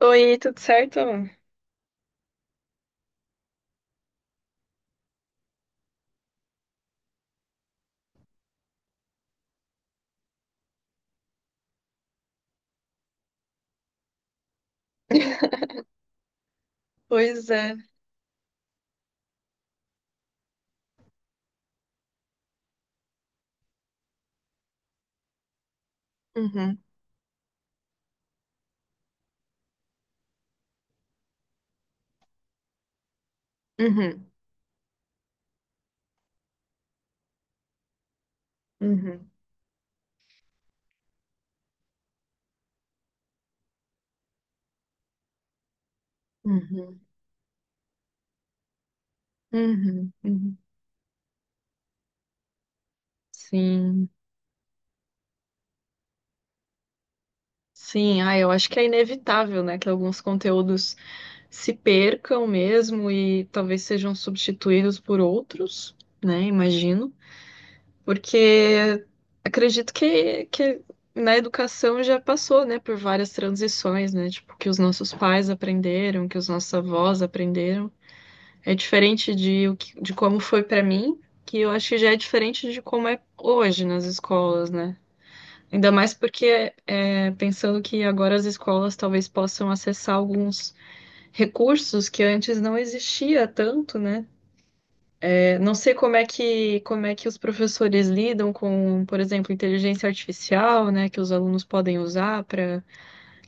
Oi, tudo certo? Pois é. Uhum, uhum, uhum, uhum, uhum, uhum. Sim, sim. Ah, eu acho que é inevitável, né, que alguns conteúdos se percam mesmo e talvez sejam substituídos por outros, né, imagino, porque acredito que na educação já passou, né, por várias transições, né, tipo, que os nossos pais aprenderam, que os nossos avós aprenderam. É diferente de, de como foi pra mim, que eu acho que já é diferente de como é hoje nas escolas, né? Ainda mais porque pensando que agora as escolas talvez possam acessar alguns recursos que antes não existia tanto, né? É, não sei como é que os professores lidam com, por exemplo, inteligência artificial, né, que os alunos podem usar para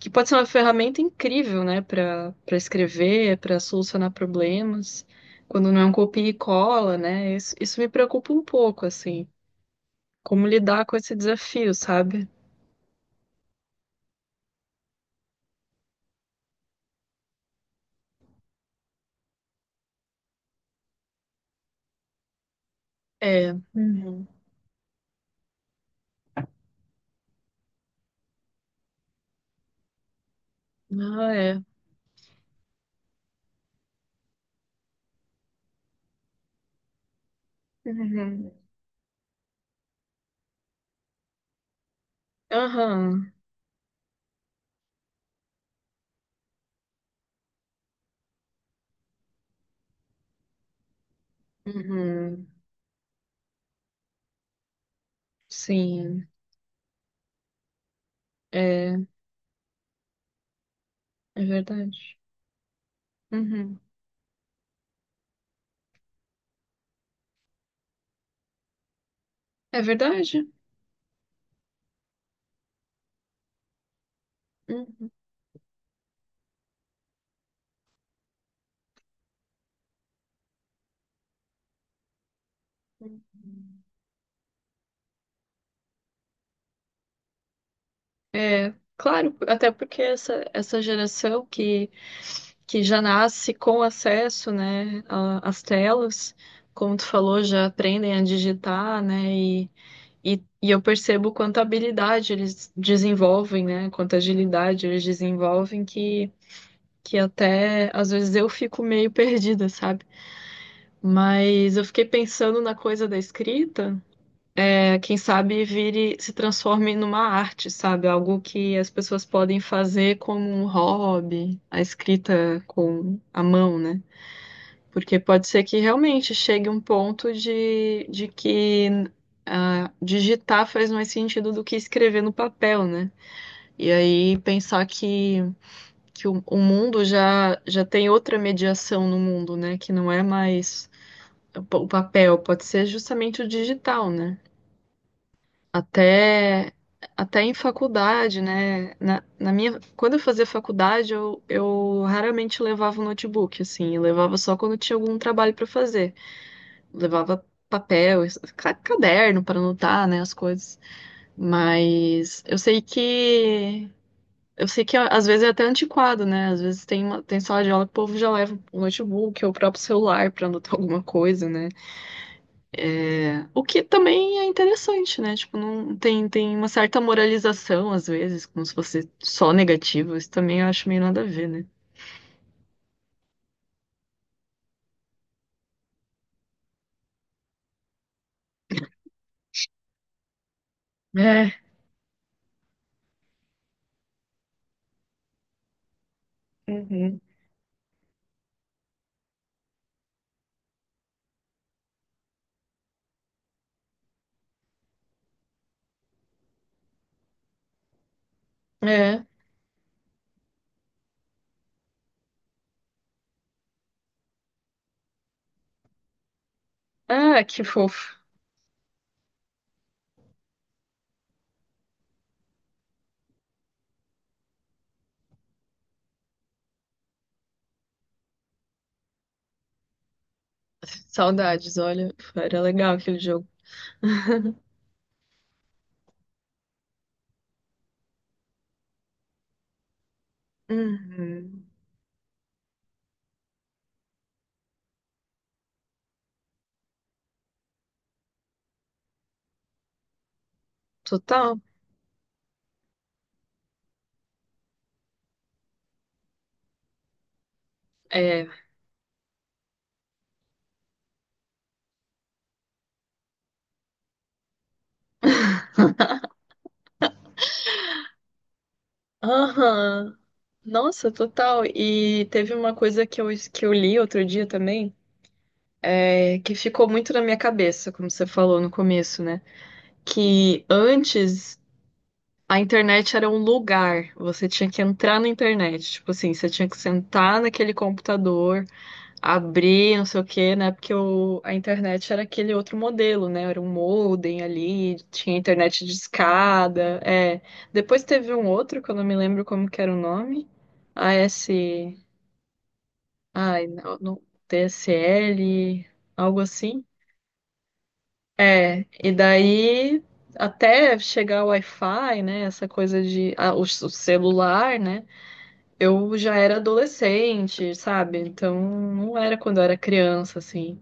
que pode ser uma ferramenta incrível, né, para escrever, para solucionar problemas, quando não é um copia e cola, né? Isso me preocupa um pouco, assim, como lidar com esse desafio, sabe? É. Uhum. Ah, é. Uhum. Aham. Uhum. Sim, é, é verdade. Uhum. É verdade. Uhum. É, claro, até porque essa geração que já nasce com acesso, né, às telas, como tu falou, já aprendem a digitar, né, e eu percebo quanta habilidade eles desenvolvem, né, quanta agilidade eles desenvolvem, que até às vezes eu fico meio perdida, sabe? Mas eu fiquei pensando na coisa da escrita. É, quem sabe se transforme numa arte, sabe? Algo que as pessoas podem fazer como um hobby, a escrita com a mão, né? Porque pode ser que realmente chegue um ponto de que digitar faz mais sentido do que escrever no papel, né? E aí pensar que o mundo já tem outra mediação no mundo, né? Que não é mais o papel, pode ser justamente o digital, né? Até, até em faculdade, né? Na minha, quando eu fazia faculdade, eu raramente levava o notebook, assim, eu levava só quando tinha algum trabalho para fazer. Levava papel, caderno para anotar, né, as coisas. Mas eu sei que às vezes é até antiquado, né? Às vezes tem sala de aula que o povo já leva o notebook ou o próprio celular para anotar alguma coisa, né? O que também é interessante, né? Tipo, não tem, tem uma certa moralização, às vezes, como se fosse só negativo. Isso também eu acho meio nada a ver, né? É. Uhum. É. Ah, que fofo. Saudades, olha. Era legal aquele jogo. Uhum. Total. É. Aham. Nossa, total. E teve uma coisa que eu li outro dia também, que ficou muito na minha cabeça, como você falou no começo, né? Que antes a internet era um lugar, você tinha que entrar na internet. Tipo assim, você tinha que sentar naquele computador, abrir, não sei o quê, né? Porque a internet era aquele outro modelo, né? Era um modem ali, tinha internet de escada. É. Depois teve um outro, que eu não me lembro como que era o nome. AS. Ai, não, não, TSL, algo assim. É, e daí até chegar o Wi-Fi, né? Essa coisa de o celular, né? Eu já era adolescente, sabe? Então não era quando eu era criança, assim.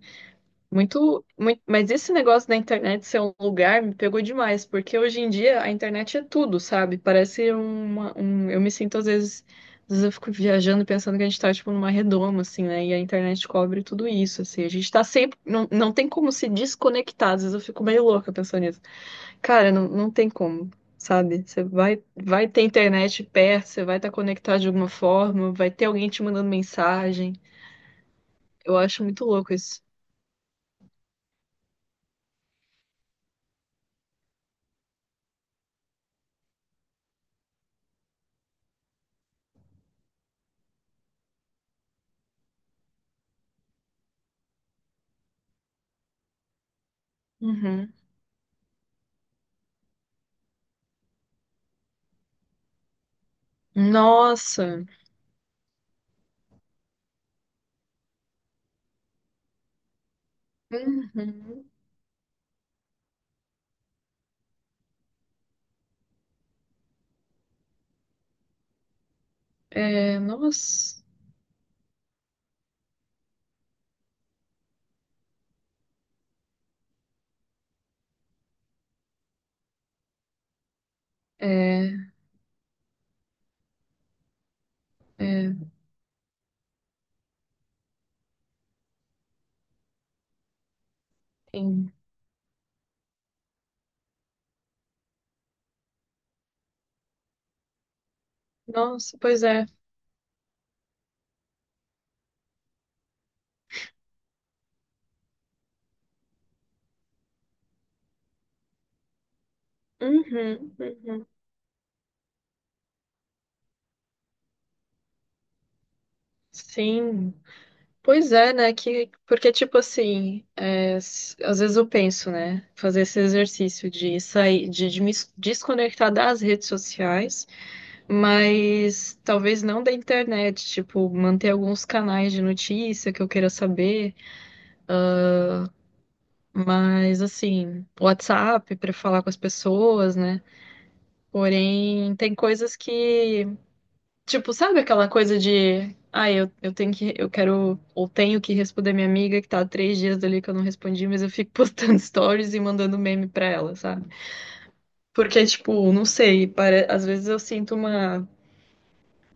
Muito, muito, mas esse negócio da internet ser um lugar me pegou demais, porque hoje em dia a internet é tudo, sabe? Parece eu me sinto às vezes eu fico viajando pensando que a gente tá tipo numa redoma, assim, né? E a internet cobre tudo isso, assim. A gente tá sempre, não, não tem como se desconectar. Às vezes eu fico meio louca pensando nisso. Cara, não, não tem como, sabe? Você vai ter internet perto, você vai estar conectado de alguma forma, vai ter alguém te mandando mensagem. Eu acho muito louco isso. Uhum. Nossa! Uhum. É, nossa! É, é, tem- Nossa, pois é. Uhum, uhum. Sim. Pois é, né? Porque, tipo assim, às vezes eu penso, né? Fazer esse exercício de sair, de me desconectar das redes sociais. Mas talvez não da internet, tipo, manter alguns canais de notícia que eu queira saber, mas assim, WhatsApp para falar com as pessoas, né? Porém, tem coisas que, tipo, sabe aquela coisa de, eu eu quero, ou tenho que responder minha amiga que tá há 3 dias dali que eu não respondi, mas eu fico postando stories e mandando meme pra ela, sabe? Porque, tipo, não sei, às vezes eu sinto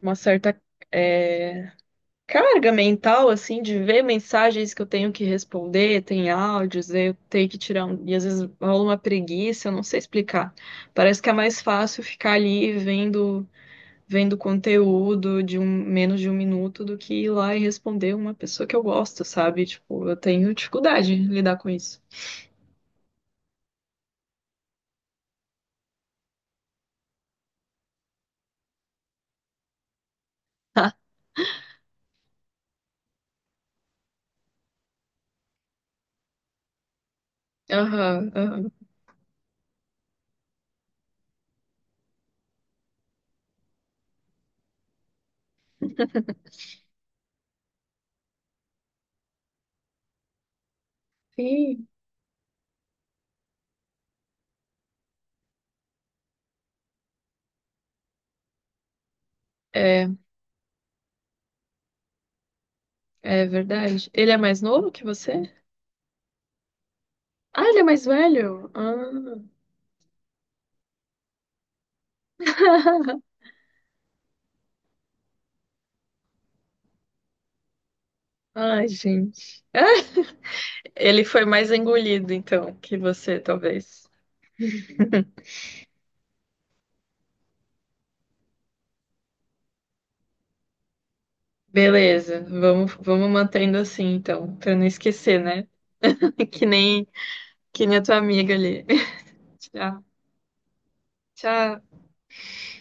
uma certa. eh, carga mental, assim, de ver mensagens que eu tenho que responder, tem áudios, eu tenho que tirar E às vezes rola uma preguiça, eu não sei explicar. Parece que é mais fácil ficar ali vendo conteúdo menos de um minuto do que ir lá e responder uma pessoa que eu gosto, sabe? Tipo, eu tenho dificuldade em lidar com isso. Aham, aham. Sim, é, é verdade. Ele é mais novo que você? Ah, ele é mais velho? Ah. Ai, gente. Ele foi mais engolido, então, que você, talvez. Beleza, vamos mantendo assim, então, pra não esquecer, né? Que nem, que nem a tua amiga ali. Tchau. Tchau.